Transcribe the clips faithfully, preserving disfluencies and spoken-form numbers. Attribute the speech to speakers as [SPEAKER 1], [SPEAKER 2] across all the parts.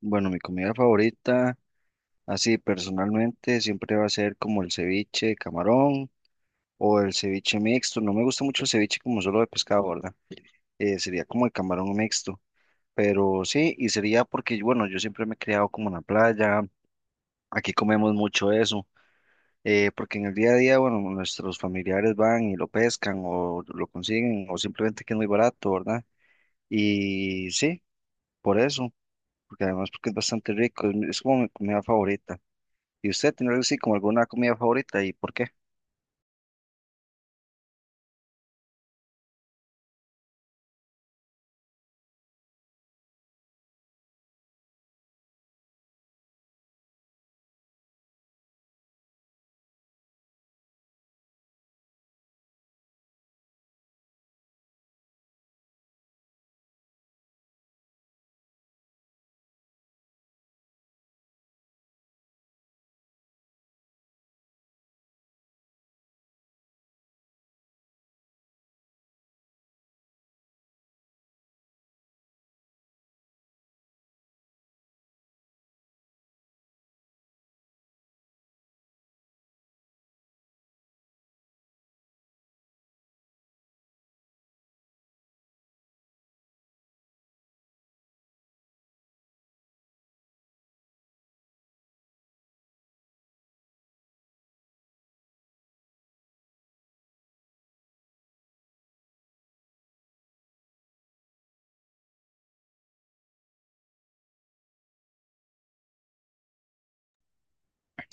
[SPEAKER 1] Bueno, mi comida favorita, así personalmente, siempre va a ser como el ceviche de camarón o el ceviche mixto. No me gusta mucho el ceviche como solo de pescado, ¿verdad? Eh, sería como el camarón mixto. Pero sí, y sería porque, bueno, yo siempre me he criado como en la playa, aquí comemos mucho eso, eh, porque en el día a día, bueno, nuestros familiares van y lo pescan o lo consiguen o simplemente que es muy barato, ¿verdad? Y sí, por eso, porque además porque es bastante rico, es, es como mi comida favorita. ¿Y usted tiene algo así como alguna comida favorita y por qué?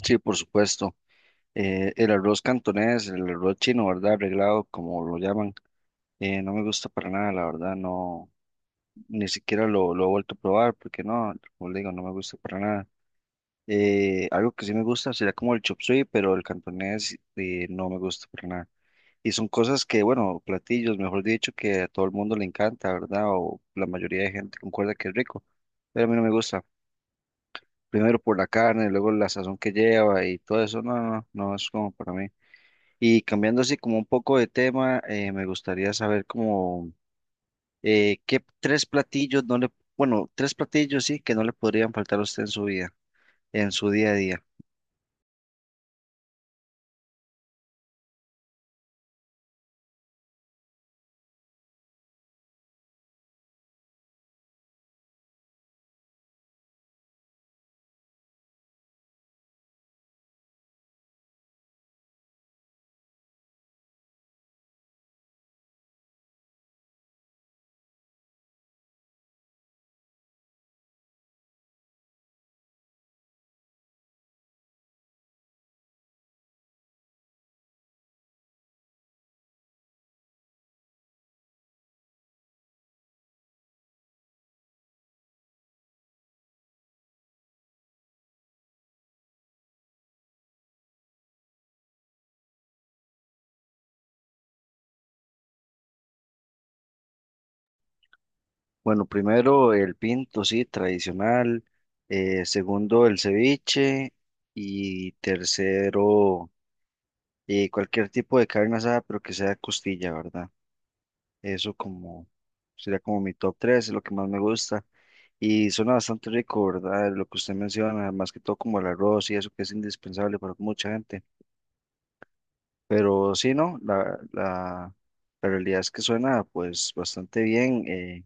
[SPEAKER 1] Sí, por supuesto. Eh, el arroz cantonés, el arroz chino, ¿verdad? Arreglado, como lo llaman. Eh, no me gusta para nada, la verdad, no, ni siquiera lo, lo he vuelto a probar porque no, como le digo, no me gusta para nada. Eh, algo que sí me gusta sería como el chop suey, pero el cantonés eh, no me gusta para nada. Y son cosas que, bueno, platillos, mejor dicho, que a todo el mundo le encanta, ¿verdad? O la mayoría de gente concuerda que es rico, pero a mí no me gusta. Primero por la carne, luego la sazón que lleva y todo eso, no, no, no es como para mí. Y cambiando así como un poco de tema, eh, me gustaría saber como eh, qué tres platillos no le, bueno, tres platillos sí que no le podrían faltar a usted en su vida, en su día a día. Bueno, primero el pinto, sí, tradicional. Eh, segundo, el ceviche. Y tercero, eh, cualquier tipo de carne asada, pero que sea costilla, ¿verdad? Eso como sería como mi top tres es lo que más me gusta. Y suena bastante rico, ¿verdad? Lo que usted menciona, más que todo como el arroz y eso que es indispensable para mucha gente. Pero sí, ¿no? La, la, la realidad es que suena pues bastante bien. eh,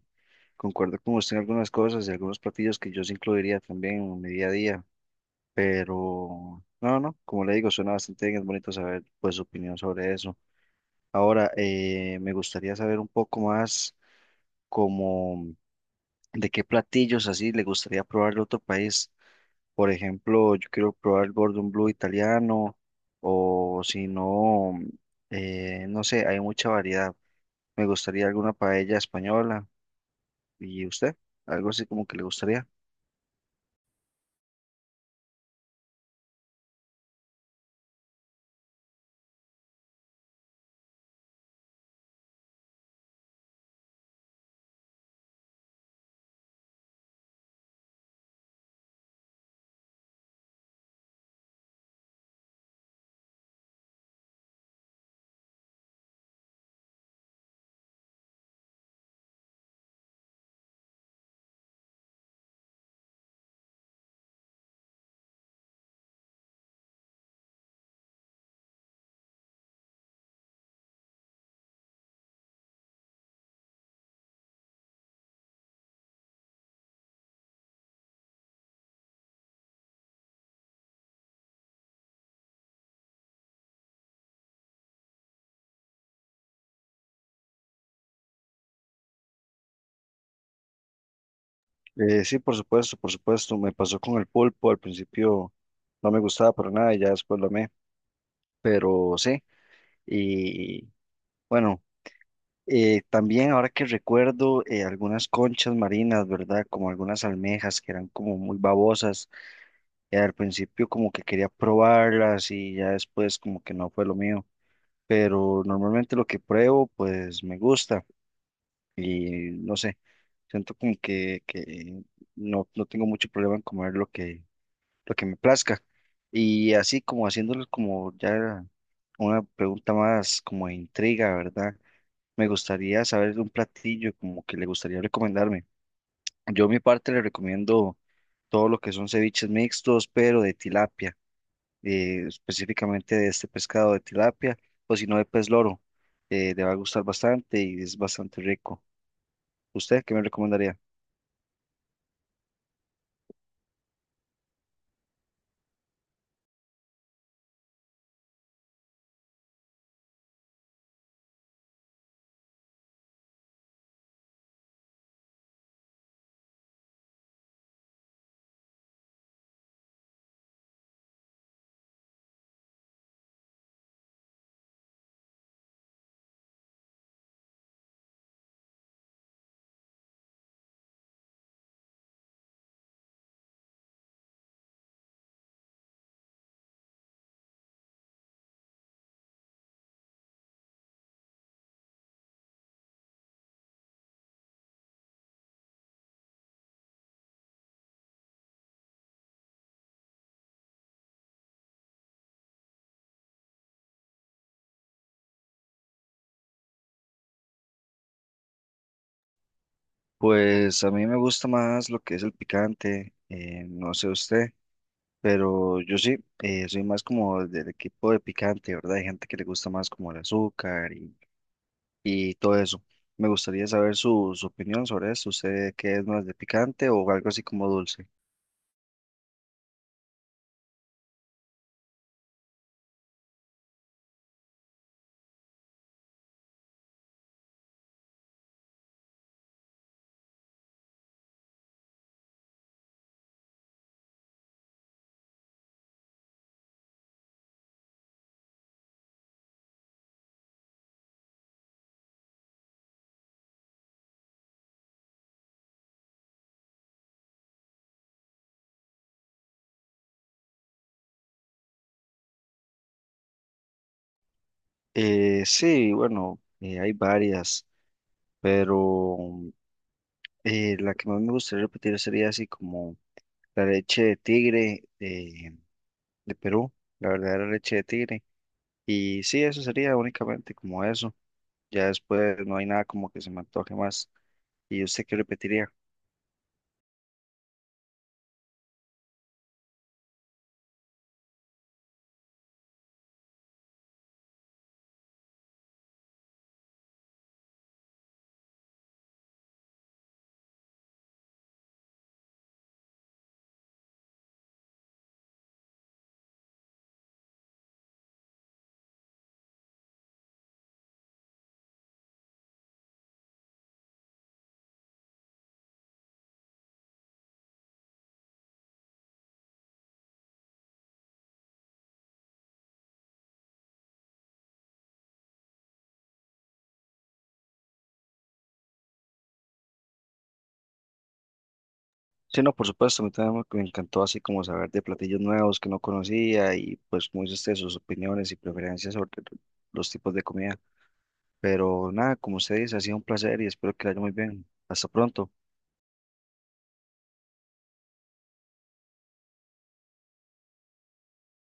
[SPEAKER 1] Concuerdo con usted en algunas cosas y algunos platillos que yo sí incluiría también en mi día a día. Pero no, no, como le digo, suena bastante bien. Es bonito saber pues su opinión sobre eso. Ahora, eh, me gustaría saber un poco más. Como de qué platillos así le gustaría probar de otro país. Por ejemplo, yo quiero probar el Gordon Blue italiano o si no, mm, eh, no sé, hay mucha variedad. Me gustaría alguna paella española. ¿Y usted? Algo así como que le gustaría. Eh, sí, por supuesto, por supuesto. Me pasó con el pulpo. Al principio no me gustaba para nada y ya después lo amé. Pero sí, y bueno. Eh, también ahora que recuerdo eh, algunas conchas marinas, ¿verdad? Como algunas almejas que eran como muy babosas. Eh, al principio como que quería probarlas y ya después como que no fue lo mío. Pero normalmente lo que pruebo pues me gusta y no sé, siento como que, que no, no tengo mucho problema en comer lo que, lo que me plazca. Y así como haciéndoles como ya una pregunta más como de intriga, ¿verdad? Me gustaría saber de un platillo como que le gustaría recomendarme. Yo, a mi parte, le recomiendo todo lo que son ceviches mixtos, pero de tilapia, eh, específicamente de este pescado de tilapia, o si no, de pez loro. Eh, le va a gustar bastante y es bastante rico. ¿Usted qué me recomendaría? Pues a mí me gusta más lo que es el picante, eh, no sé usted, pero yo sí, eh, soy más como del equipo de picante, ¿verdad? Hay gente que le gusta más como el azúcar y y todo eso. Me gustaría saber su, su opinión sobre esto. ¿Usted qué es más de picante o algo así como dulce? Eh, sí, bueno, eh, hay varias, pero mm, eh, la que más me gustaría repetir sería así como la leche de tigre de, de Perú, la verdadera leche de tigre. Y sí, eso sería únicamente como eso. Ya después no hay nada como que se me antoje más. ¿Y usted qué repetiría? Sí, no, por supuesto, a mí también me me encantó así como saber de platillos nuevos que no conocía y pues como dice usted, sus opiniones y preferencias sobre los tipos de comida. Pero nada, como usted dice, ha sido un placer y espero que le haya muy bien. Hasta pronto.